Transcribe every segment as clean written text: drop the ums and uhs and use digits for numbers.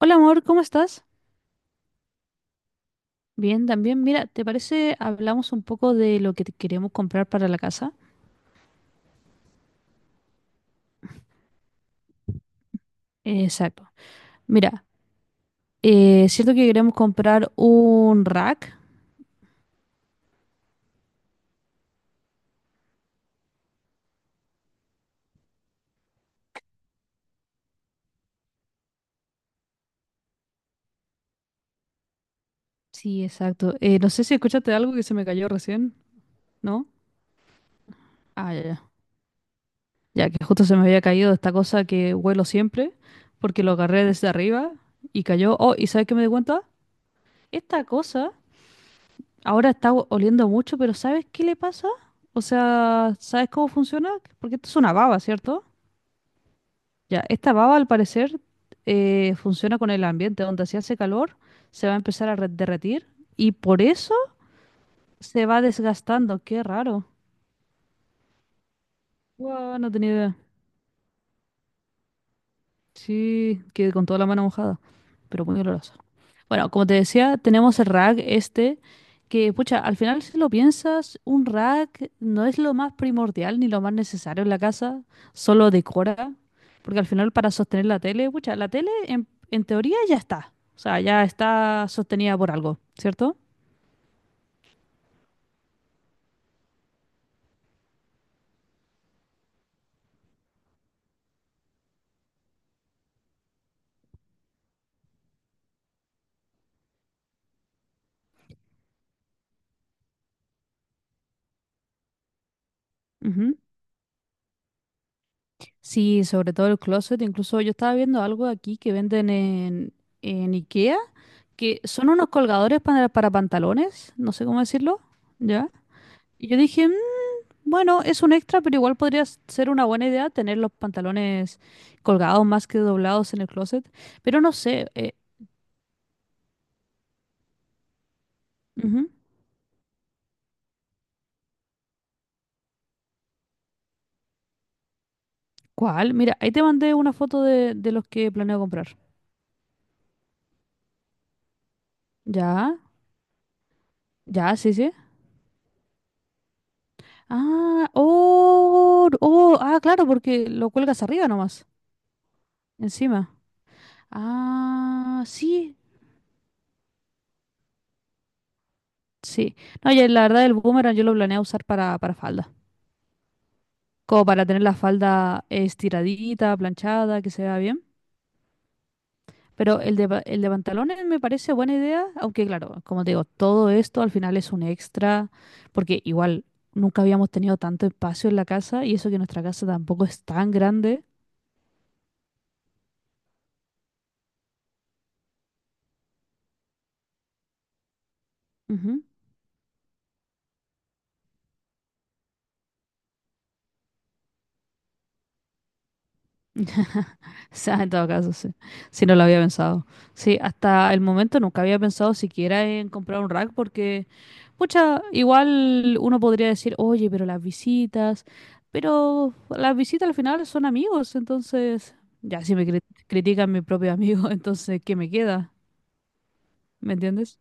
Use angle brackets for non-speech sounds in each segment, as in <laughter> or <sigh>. Hola amor, ¿cómo estás? Bien, también. Mira, ¿te parece hablamos un poco de lo que te queremos comprar para la casa? Exacto. Mira, es cierto que queremos comprar un rack. Sí, exacto. No sé si escuchaste algo que se me cayó recién, ¿no? Ah, ya, ya. Ya que justo se me había caído esta cosa que huelo siempre, porque lo agarré desde arriba y cayó. Oh, ¿y sabes qué me di cuenta? Esta cosa ahora está oliendo mucho, pero ¿sabes qué le pasa? O sea, ¿sabes cómo funciona? Porque esto es una baba, ¿cierto? Ya, esta baba al parecer funciona con el ambiente, donde si hace calor se va a empezar a derretir y por eso se va desgastando. Qué raro. Guau, no tenía idea. Sí, que con toda la mano mojada, pero muy olorosa. Bueno, como te decía, tenemos el rack este, que, pucha, al final si lo piensas, un rack no es lo más primordial ni lo más necesario en la casa, solo decora, porque al final para sostener la tele, pucha, la tele en teoría ya está, o sea, ya está sostenida por algo, ¿cierto? Ujú. Sí, sobre todo el closet, incluso yo estaba viendo algo aquí que venden en IKEA que son unos colgadores para pantalones, no sé cómo decirlo, ¿ya? Y yo dije, "Mm, bueno, es un extra, pero igual podría ser una buena idea tener los pantalones colgados más que doblados en el closet. Pero no sé, ujú. ¿Cuál? Mira, ahí te mandé una foto de los que planeo comprar. ¿Ya? ¿Ya? Sí, sí. Ah, oh, oh, ah, claro, porque lo cuelgas arriba nomás, encima. Ah, sí, sí. No, ya la verdad el boomerang yo lo planeé usar para faldas. Como para tener la falda estiradita, planchada, que se vea bien. Pero el el de pantalones me parece buena idea, aunque claro, como te digo, todo esto al final es un extra, porque igual nunca habíamos tenido tanto espacio en la casa y eso que nuestra casa tampoco es tan grande. Ujú. <laughs> O sea, en todo caso, sí. Sí, no lo había pensado. Sí, hasta el momento nunca había pensado siquiera en comprar un rack porque... Pucha, igual uno podría decir, oye, pero las visitas al final son amigos, entonces, ya, si me critican mi propio amigo, <laughs> entonces, ¿qué me queda? ¿Me entiendes?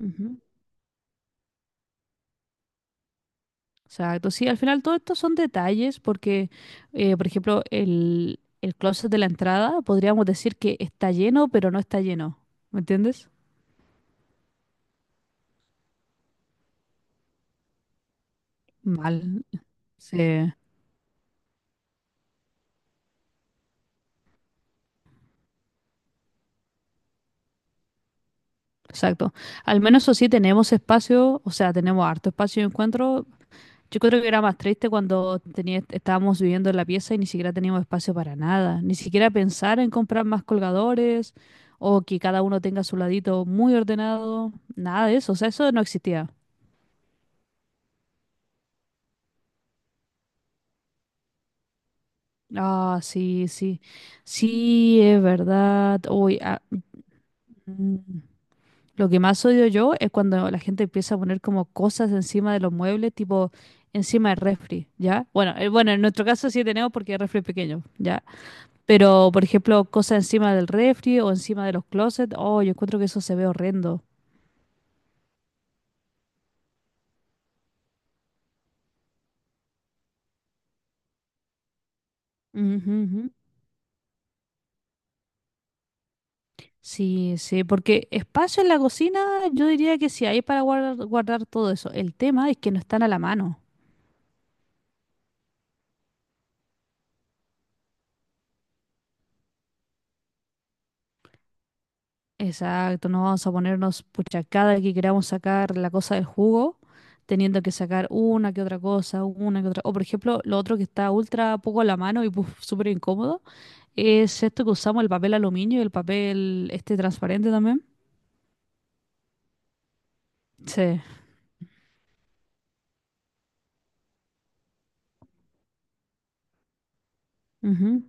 Ujú. Exacto, sí, al final todo esto son detalles porque, por ejemplo, el closet de la entrada podríamos decir que está lleno, pero no está lleno, ¿me entiendes? Mal, sí, exacto. Al menos eso sí tenemos espacio, o sea, tenemos harto espacio de encuentro. Yo creo que era más triste cuando tenía, estábamos viviendo en la pieza y ni siquiera teníamos espacio para nada, ni siquiera pensar en comprar más colgadores o que cada uno tenga su ladito muy ordenado, nada de eso, o sea, eso no existía. Ah, sí, sí, sí, es verdad. Uy, ah, mm, lo que más odio yo es cuando la gente empieza a poner como cosas encima de los muebles, tipo encima del refri, ¿ya? Bueno, bueno, en nuestro caso sí tenemos porque el refri es pequeño, ¿ya? Pero, por ejemplo, cosas encima del refri o encima de los closets, oh, yo encuentro que eso se ve horrendo. Ujú, ujú. Sí, sí, porque espacio en la cocina, yo diría que sí hay para guardar, guardar todo eso. El tema es que no están a la mano. Exacto, no vamos a ponernos, pucha, cada que queramos sacar la cosa del jugo, teniendo que sacar una que otra cosa, una que otra. O, por ejemplo, lo otro que está ultra poco a la mano y puf, súper incómodo, es esto que usamos, el papel aluminio y el papel este transparente también. Sí. Ujú.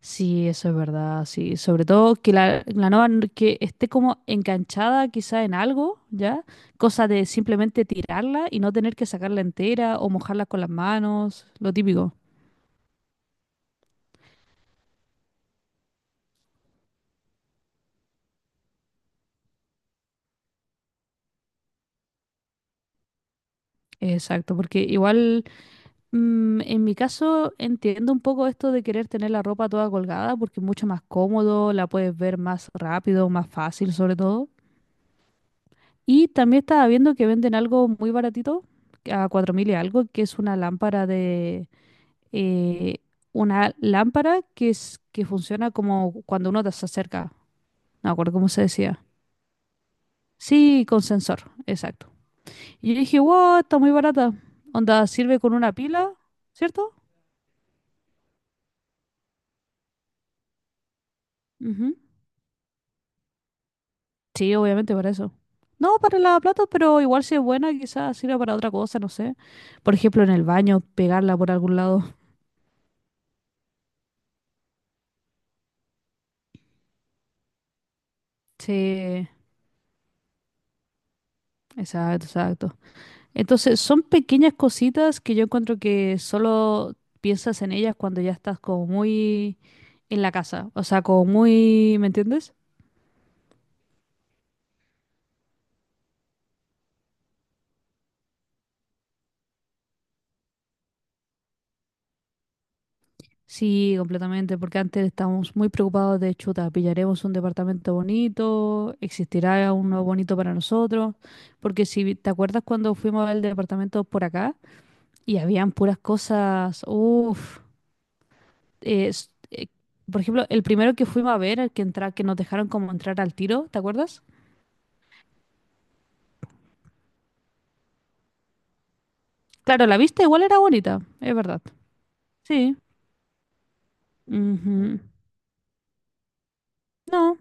Sí, eso es verdad, sí. Sobre todo que la nueva que esté como enganchada quizá en algo, ¿ya? Cosa de simplemente tirarla y no tener que sacarla entera o mojarla con las manos, lo típico. Exacto, porque igual mm, en mi caso entiendo un poco esto de querer tener la ropa toda colgada porque es mucho más cómodo, la puedes ver más rápido, más fácil sobre todo. Y también estaba viendo que venden algo muy baratito, a 4.000 y algo, que es eh, una lámpara que funciona como cuando uno se acerca. No me acuerdo cómo se decía. Sí, con sensor, exacto. Y yo dije, wow, está muy barata. Onda, sirve con una pila, ¿cierto? Ujú. Sí, obviamente para eso. No, para el lavaplatos, pero igual si es buena, quizás sirva para otra cosa, no sé. Por ejemplo, en el baño, pegarla por algún lado. Sí, exacto, exacto. Entonces, son pequeñas cositas que yo encuentro que solo piensas en ellas cuando ya estás como muy en la casa, o sea, como muy, ¿me entiendes? Sí, completamente, porque antes estábamos muy preocupados de chuta, pillaremos un departamento bonito, existirá uno bonito para nosotros, porque si te acuerdas cuando fuimos al departamento por acá y habían puras cosas, uff, por ejemplo, el primero que fuimos a ver, el que entra, que nos dejaron como entrar al tiro, ¿te acuerdas? Claro, la vista igual era bonita, es verdad. Sí. Ujú. No.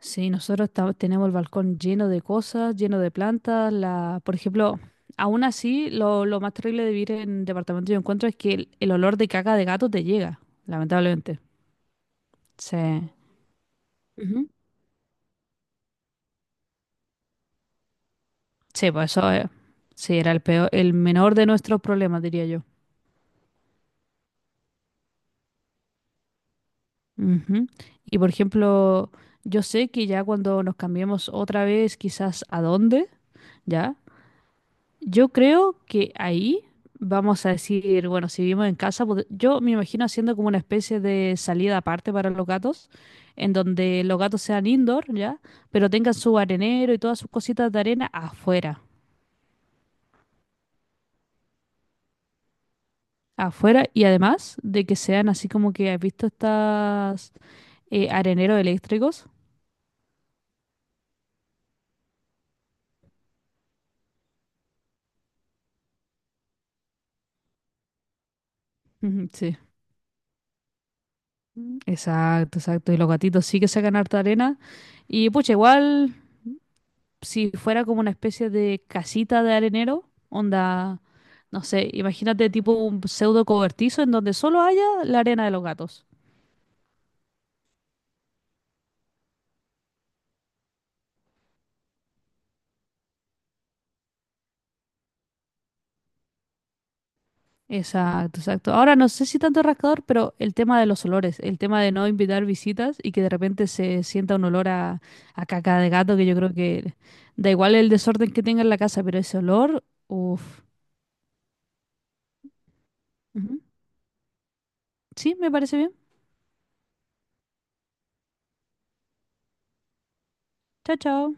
Sí, nosotros tenemos el balcón lleno de cosas, lleno de plantas. La, por ejemplo, aún así, lo más terrible de vivir en departamento yo encuentro es que el olor de caca de gato te llega, lamentablemente. Sí. Ujú. Sí, pues eso sí, era el peor, el menor de nuestros problemas, diría yo. Ujú. Y por ejemplo, yo sé que ya cuando nos cambiemos otra vez, quizás a dónde. ¿Ya? Yo creo que ahí vamos a decir, bueno, si vivimos en casa, yo me imagino haciendo como una especie de salida aparte para los gatos, en donde los gatos sean indoor, ¿ya? Pero tengan su arenero y todas sus cositas de arena afuera. Afuera y además de que sean así como que has visto estas areneros eléctricos. Ujú, sí. Exacto, exacto. Y los gatitos sí que sacan harta arena. Y pucha, igual si fuera como una especie de casita de arenero, onda, no sé, imagínate tipo un pseudo cobertizo en donde solo haya la arena de los gatos. Exacto, exacto. Ahora no sé si tanto rascador, pero el tema de los olores, el tema de no invitar visitas y que de repente se sienta un olor a caca de gato, que yo creo que da igual el desorden que tenga en la casa, pero ese olor, uff. Sí, me parece bien. Chao, chao.